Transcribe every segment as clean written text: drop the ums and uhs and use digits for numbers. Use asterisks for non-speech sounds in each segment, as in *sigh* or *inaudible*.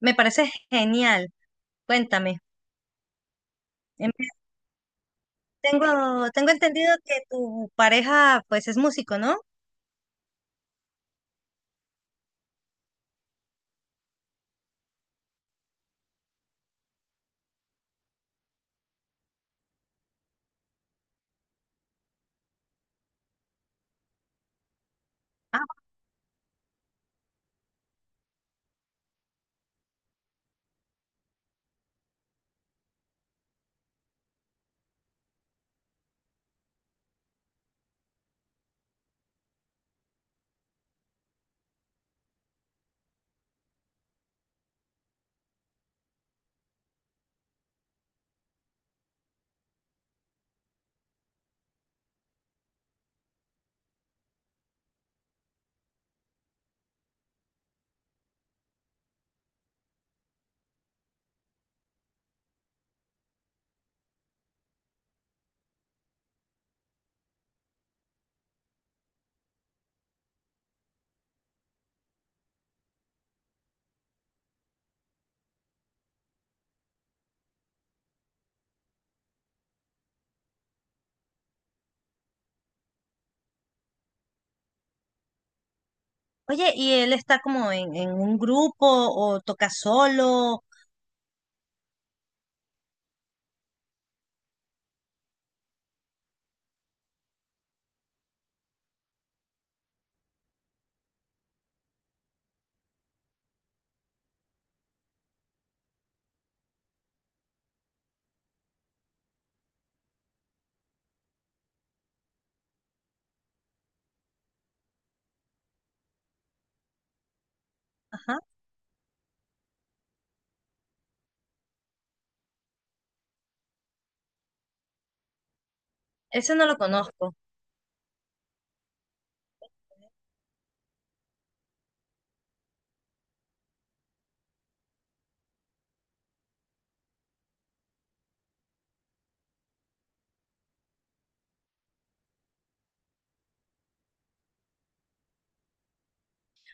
Me parece genial. Cuéntame. Em, tengo entendido que tu pareja pues es músico, ¿no? Ah, oye, ¿y él está como en un grupo o toca solo? Ajá. Ese no lo conozco.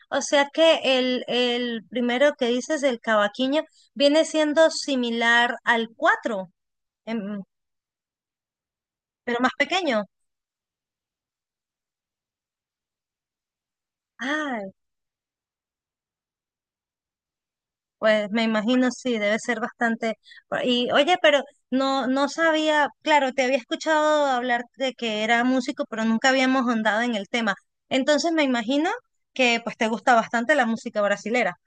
O sea que el primero que dices, el cavaquinho, viene siendo similar al cuatro, em, pero más pequeño. Ah, pues me imagino, sí, debe ser bastante. Y oye, pero no sabía, claro, te había escuchado hablar de que era músico, pero nunca habíamos andado en el tema. Entonces me imagino que pues te gusta bastante la música brasilera.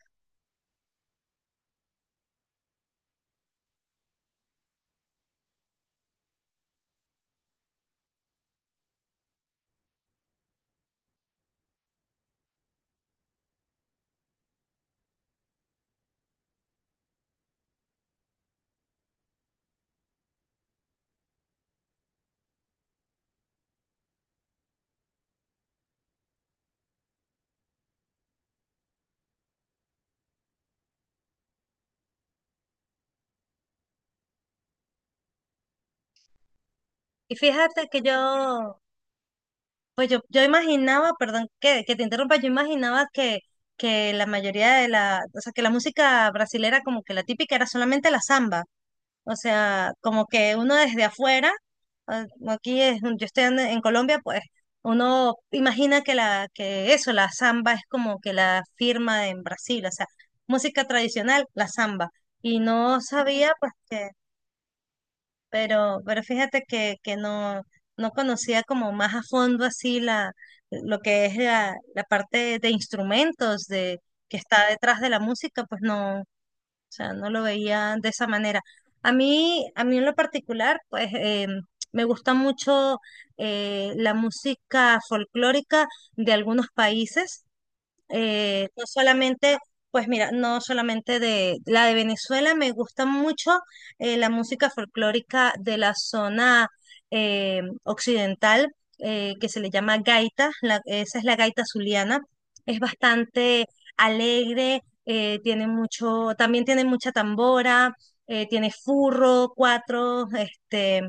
Y fíjate que yo, pues yo imaginaba, perdón que te interrumpa, yo imaginaba que la mayoría de la, o sea, que la música brasilera como que la típica era solamente la samba. O sea, como que uno desde afuera, ah, aquí es- yo estoy en Colombia, pues uno imagina que la, que eso, la samba es como que la firma en Brasil, o sea, música tradicional, la samba. Y no sabía, pues que, pero fíjate que no, no conocía como más a fondo así la, lo que es la, la parte de instrumentos de, que está detrás de la música, pues no. O sea, no lo veía de esa manera. A mí en lo particular, pues me gusta mucho la música folclórica de algunos países, no solamente, pues mira, no solamente de la de Venezuela, me gusta mucho la música folclórica de la zona occidental, que se le llama gaita, la- esa es la gaita zuliana, es bastante alegre. Tiene mucho, también tiene mucha tambora, tiene furro, cuatro, este,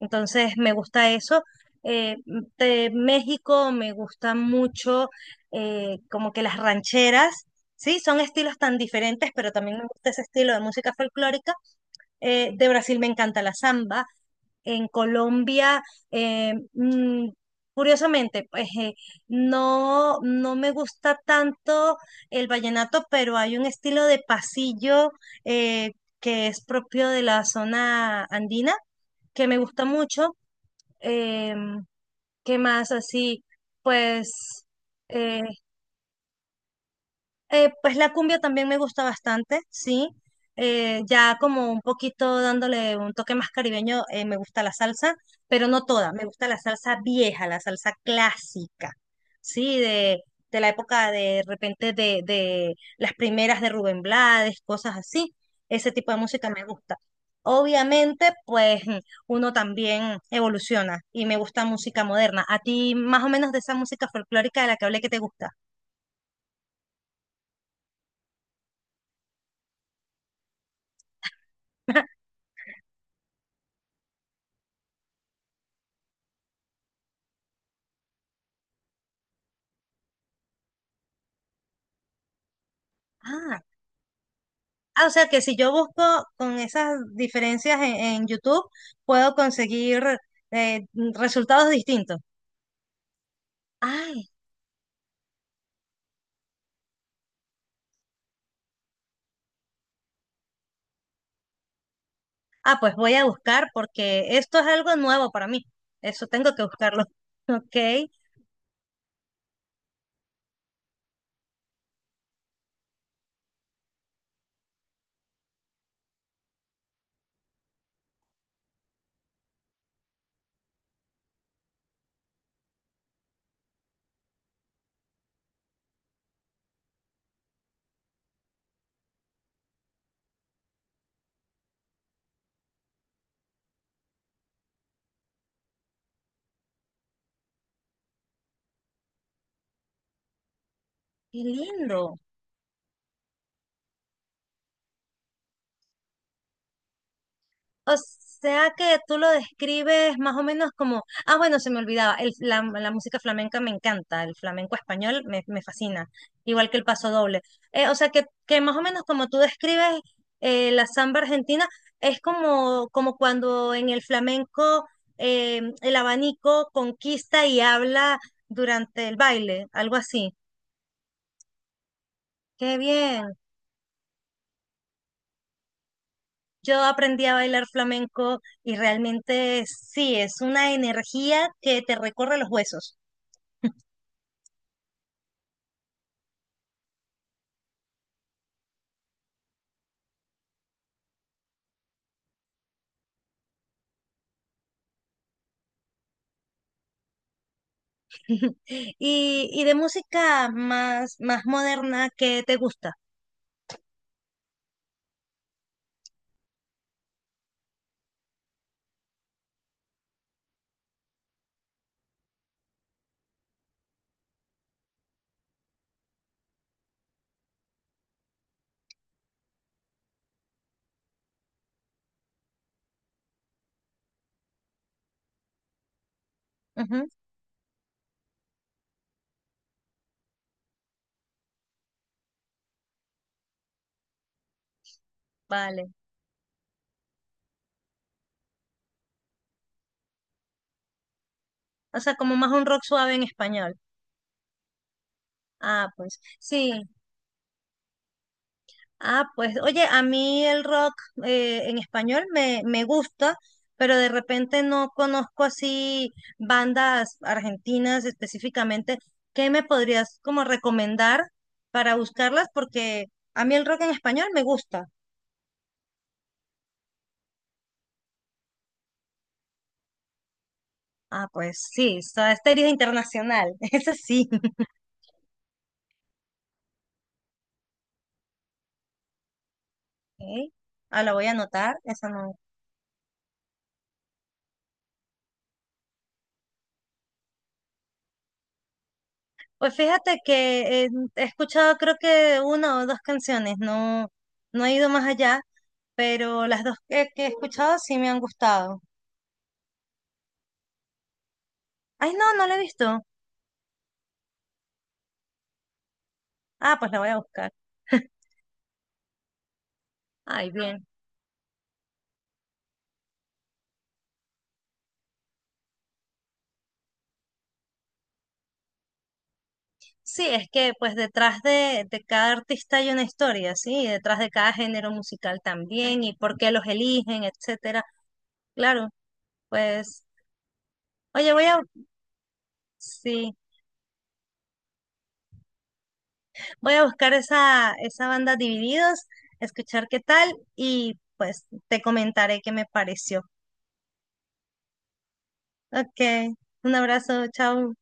entonces me gusta eso. Eh, de México me gusta mucho, como que las rancheras, sí, son estilos tan diferentes, pero también me gusta ese estilo de música folclórica. De Brasil me encanta la samba, en Colombia, eh, mm, curiosamente, pues no, no me gusta tanto el vallenato, pero hay un estilo de pasillo eh, que es propio de la zona andina, que me gusta mucho. Em, ¿Qué más así? Pues... eh, pues la cumbia también me gusta bastante, sí. Ya como un poquito dándole un toque más caribeño, me gusta la salsa, pero no toda. Me gusta la salsa vieja, la salsa clásica, sí, de la época de, repente de las primeras de Rubén Blades, cosas así. Ese tipo de música me gusta. Obviamente, pues uno también evoluciona y me gusta música moderna. ¿A ti más o menos de esa música folclórica de la que hablé que te gusta? Ah. Ah, o sea que si yo busco con esas diferencias en YouTube, puedo conseguir, eh, resultados distintos. Ay, ah, pues voy a buscar porque esto es algo nuevo para mí. Eso tengo que buscarlo. *laughs* Ok, qué lindo. O sea que tú lo describes más o menos como, ah, bueno, se me olvidaba, el, la música flamenca me encanta, el flamenco español me, me fascina, igual que el paso doble. O sea que más o menos como tú describes la samba argentina, es como, como cuando en el flamenco el abanico conquista y habla durante el baile, algo así. Qué bien. Yo aprendí a bailar flamenco y realmente sí, es una energía que te recorre los huesos. Y de música más, más moderna que te gusta. Ujú, vale. O sea, como más un rock suave en español. Ah, pues sí. Ah, pues oye, a mí el rock en español me, me gusta, pero de repente no conozco así bandas argentinas específicamente. ¿Qué me podrías como recomendar para buscarlas? Porque a mí el rock en español me gusta. Ah, pues sí, Soda Stereo es internacional, *laughs* eso sí. Ok, ah, la voy a anotar, esa no. Pues fíjate que he escuchado creo que una o dos canciones, no, no he ido más allá, pero las dos que he escuchado sí me han gustado. Ay, no, no la he visto. Ah, pues la voy a buscar. *laughs* Ay, bien. Sí, es que pues detrás de cada artista hay una historia, ¿sí? Y detrás de cada género musical también, y por qué los eligen, etcétera. Claro, pues, oye, voy a, sí, voy a buscar esa, esa banda Divididos, escuchar qué tal, y pues te comentaré qué me pareció. Ok, un abrazo, chao.